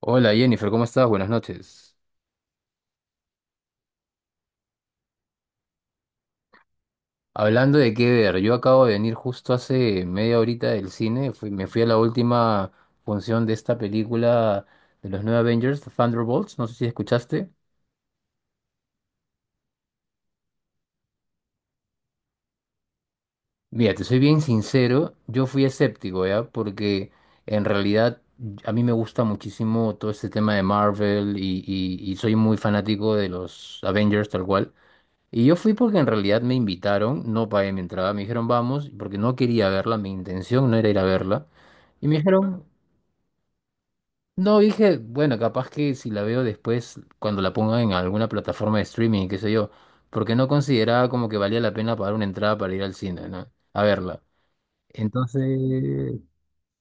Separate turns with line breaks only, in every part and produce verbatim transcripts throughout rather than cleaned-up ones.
Hola Jennifer, ¿cómo estás? Buenas noches. Hablando de qué ver, yo acabo de venir justo hace media horita del cine, fui- me fui a la última función de esta película de los nuevos Avengers, Thunderbolts, no sé si escuchaste. Mira, te soy bien sincero, yo fui escéptico, ¿ya? Porque en realidad a mí me gusta muchísimo todo este tema de Marvel y, y y soy muy fanático de los Avengers tal cual. Y yo fui porque en realidad me invitaron, no pagué mi entrada, me dijeron vamos, porque no quería verla, mi intención no era ir a verla. Y me dijeron, no, dije, bueno, capaz que si la veo después, cuando la pongan en alguna plataforma de streaming, qué sé yo, porque no consideraba como que valía la pena pagar una entrada para ir al cine, ¿no? A verla. Entonces,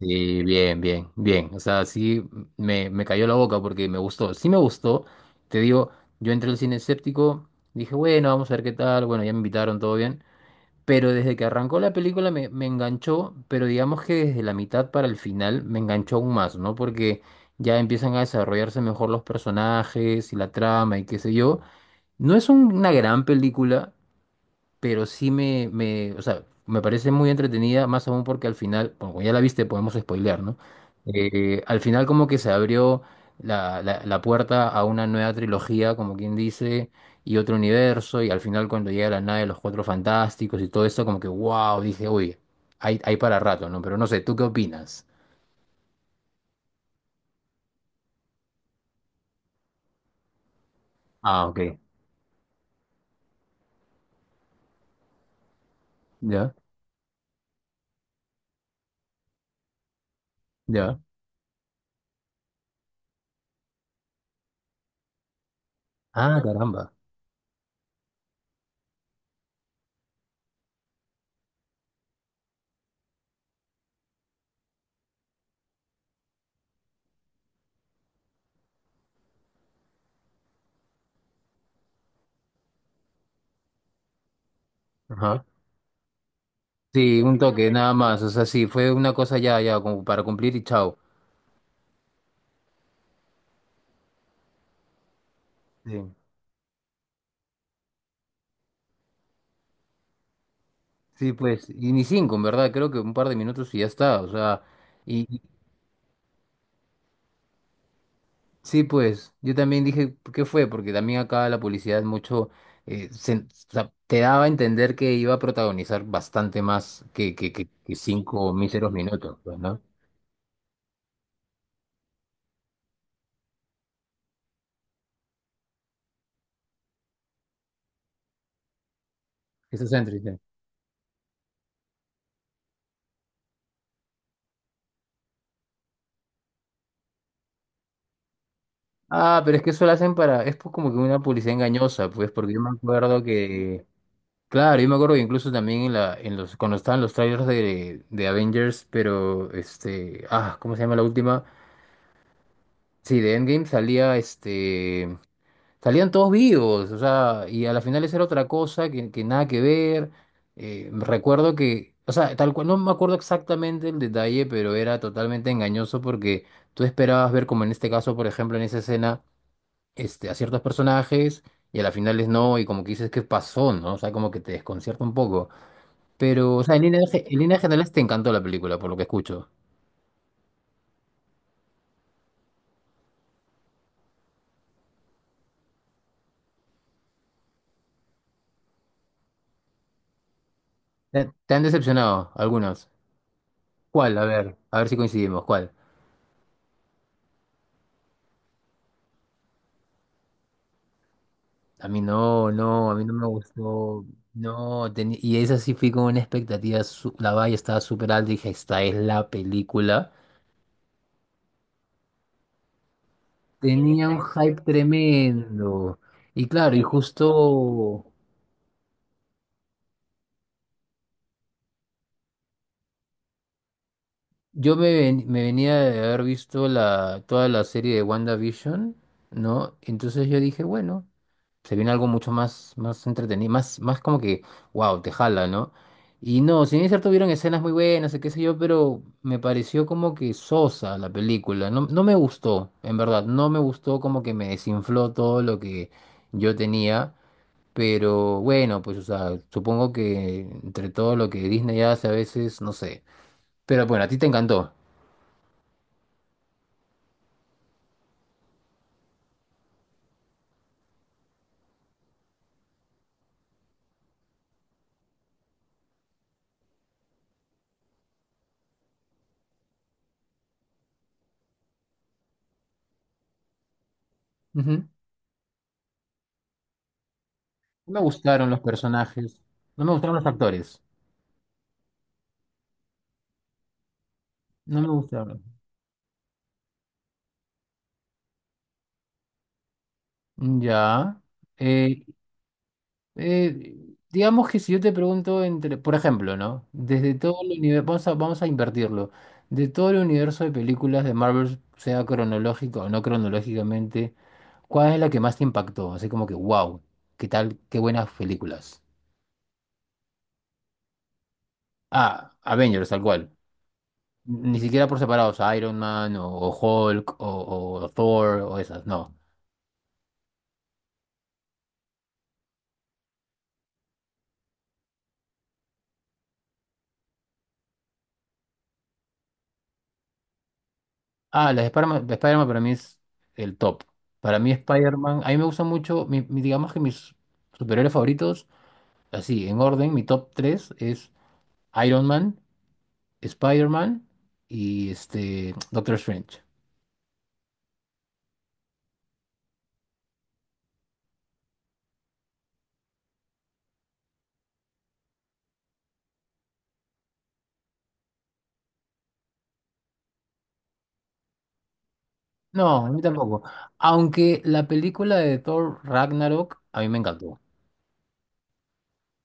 sí, bien, bien, bien. O sea, sí me, me cayó la boca porque me gustó. Sí me gustó, te digo, yo entré al cine escéptico, dije, bueno, vamos a ver qué tal, bueno, ya me invitaron, todo bien. Pero desde que arrancó la película me, me enganchó, pero digamos que desde la mitad para el final me enganchó aún más, ¿no? Porque ya empiezan a desarrollarse mejor los personajes y la trama y qué sé yo. No es un- una gran película, pero sí me, me, o sea, me parece muy entretenida, más aún porque al final, bueno, como ya la viste, podemos spoilear, ¿no? Eh, al final como que se abrió la, la, la puerta a una nueva trilogía, como quien dice, y otro universo, y al final cuando llega la nave de los Cuatro Fantásticos y todo esto, como que, wow, dije, uy, hay, hay para rato, ¿no? Pero no sé, ¿tú qué opinas? Ah, ok. Ya, ya. Ah, caramba. Ajá. Sí, un toque, nada más. O sea, sí, fue una cosa ya, ya, como para cumplir y chao. Sí. Sí, pues, y ni cinco, en verdad, creo que un par de minutos y ya está, o sea, y y sí, pues, yo también dije, ¿qué fue? Porque también acá la publicidad mucho, eh, se- o sea, te daba a entender que iba a protagonizar bastante más que, que, que, que cinco míseros minutos, pues, ¿no? Eso es triste. Ah, pero es que eso lo hacen para, es pues como que una publicidad engañosa, pues, porque yo me acuerdo que, claro, yo me acuerdo que incluso también en la, en los, cuando estaban los trailers de, de Avengers, pero, este, ah, ¿cómo se llama la última? Sí, de Endgame salía este. Salían todos vivos, o sea, y a la final esa era otra cosa que, que nada que ver. Eh, recuerdo que, o sea, tal cual, no me acuerdo exactamente el detalle, pero era totalmente engañoso porque tú esperabas ver, como en este caso, por ejemplo, en esa escena, este, a ciertos personajes y a la final es no, y como que dices, ¿qué pasó? ¿No? O sea, como que te desconcierta un poco. Pero, o sea, en líneas, ge- en líneas generales te encantó la película, por lo que escucho. ¿Te, te han decepcionado algunos? ¿Cuál? A ver, a ver si coincidimos, ¿cuál? A mí no, No, a mí no me gustó. No, teni- y esa sí fui con una expectativa, su- la valla estaba súper alta y dije, esta es la película. Sí, tenía un hype tremendo. Y claro, y justo, yo me, ven- me venía de haber visto la, toda la serie de WandaVision, ¿no? Entonces yo dije, bueno, se viene algo mucho más, más entretenido, más, más como que, wow, te jala, ¿no? Y no, si bien es cierto, hubieron escenas muy buenas, y qué sé yo, pero me pareció como que sosa la película. No, no me gustó, en verdad, no me gustó como que me desinfló todo lo que yo tenía. Pero bueno, pues, o sea, supongo que entre todo lo que Disney hace a veces, no sé. Pero bueno, a ti te encantó. Ujú. No me gustaron los personajes. No me gustaron los actores. No me gustaron. Ya. Eh, eh, digamos que si yo te pregunto entre, por ejemplo, ¿no? Desde todo el universo, vamos a, vamos a invertirlo. De todo el universo de películas de Marvel, sea cronológico o no cronológicamente, ¿cuál es la que más te impactó? Así como que, wow, qué tal, qué buenas películas. Ah, Avengers, tal cual. Ni siquiera por separados, Iron Man o, o Hulk o, o Thor o esas, no. Ah, las de Spider-Man, de Spider-Man para mí es el top. Para mí Spider-Man, a mí me gusta mucho, mi- mi- digamos que mis superhéroes favoritos, así, en orden, mi top tres es Iron Man, Spider-Man y este Doctor Strange. No, a mí tampoco. Aunque la película de Thor Ragnarok a mí me encantó.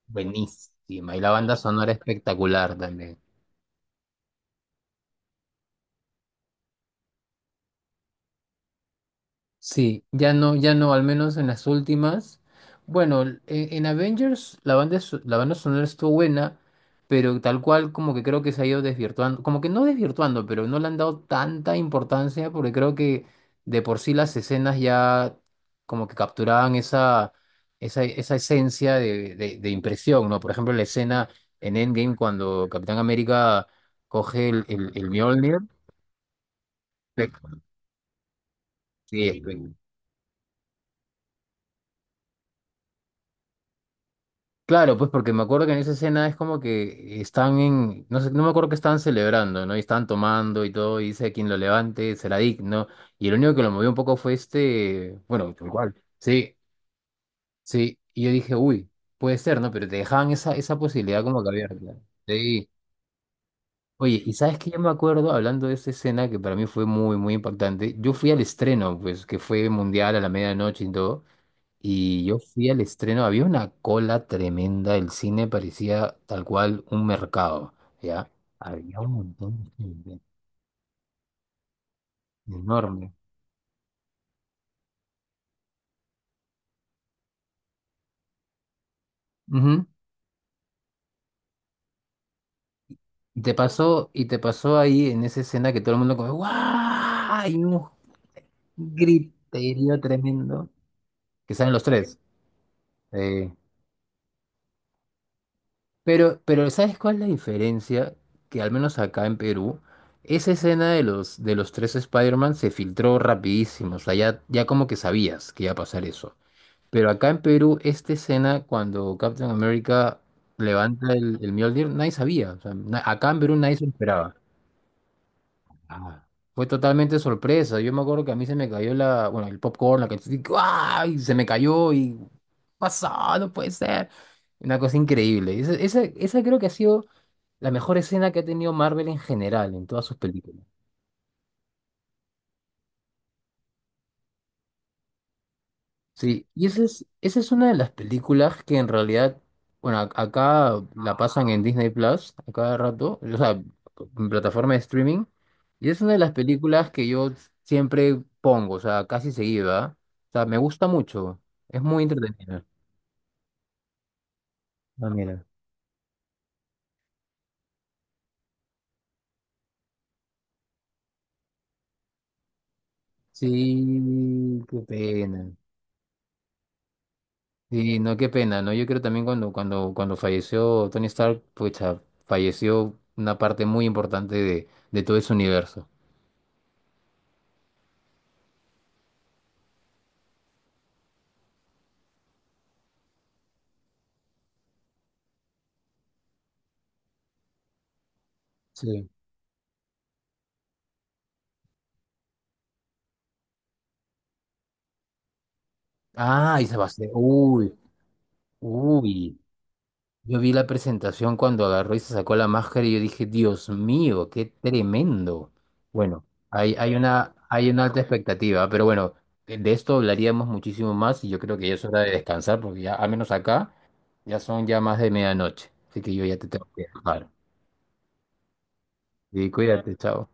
Buenísima. Y la banda sonora espectacular también. Sí, ya no, ya no, al menos en las últimas. Bueno, en, en Avengers la banda, so- la banda sonora estuvo buena, pero tal cual como que creo que se ha ido desvirtuando, como que no desvirtuando, pero no le han dado tanta importancia porque creo que de por sí las escenas ya como que capturaban esa, esa, esa esencia de, de, de impresión, ¿no? Por ejemplo, la escena en Endgame cuando Capitán América coge el, el, el Mjolnir. Espe- Sí, espe- claro, pues porque me acuerdo que en esa escena es como que están en, no sé, no me acuerdo que estaban celebrando, ¿no? Y estaban tomando y todo, y dice quien lo levante será digno. Y el único que lo movió un poco fue este, bueno, tal cual. Sí, sí. Y yo dije, uy, puede ser, ¿no? Pero te dejaban esa, esa posibilidad como que abierta. Sí. Oye, y sabes que yo me acuerdo, hablando de esa escena que para mí fue muy, muy impactante, yo fui al estreno, pues, que fue mundial a la medianoche y todo. Y yo fui al estreno, había una cola tremenda, el cine parecía tal cual un mercado, ¿ya? Había un montón de gente, enorme. Ujú. Y te pasó, y te pasó ahí en esa escena que todo el mundo como, ¡guau! Hay un griterío tremendo, que salen los tres. Eh, pero, pero ¿sabes cuál es la diferencia? Que al menos acá en Perú, esa escena de los, de los tres Spider-Man se filtró rapidísimo, o sea, ya, ya como que sabías que iba a pasar eso. Pero acá en Perú, esta escena, cuando Captain America levanta el, el Mjolnir, nadie sabía. O sea, na- acá en Perú nadie se lo esperaba. Ah, fue totalmente sorpresa. Yo me acuerdo que a mí se me cayó la, bueno, el popcorn, la canción, ¡ay! Se me cayó y pasó, no puede ser. Una cosa increíble. Esa, esa, esa creo que ha sido la mejor escena que ha tenido Marvel en general, en todas sus películas. Sí, y esa es, esa es una de las películas que en realidad, bueno, ac- acá la pasan en Disney Plus a cada rato, o sea, en plataforma de streaming, y es una de las películas que yo siempre pongo, o sea, casi seguida. O sea, me gusta mucho, es muy entretenida. Ah, mira. Sí, qué pena. Sí, no, qué pena, ¿no? Yo creo también cuando, cuando, cuando falleció Tony Stark, pucha, falleció una parte muy importante de, de todo ese universo. Ah, y Sebastián. Uy, uy. Yo vi la presentación cuando agarró y se sacó la máscara y yo dije, Dios mío, qué tremendo. Bueno, hay, hay una, hay una alta expectativa, pero bueno, de de esto hablaríamos muchísimo más y yo creo que ya es hora de descansar porque ya, al menos acá, ya son ya más de medianoche. Así que yo ya te tengo que dejar. Y cuídate, chao.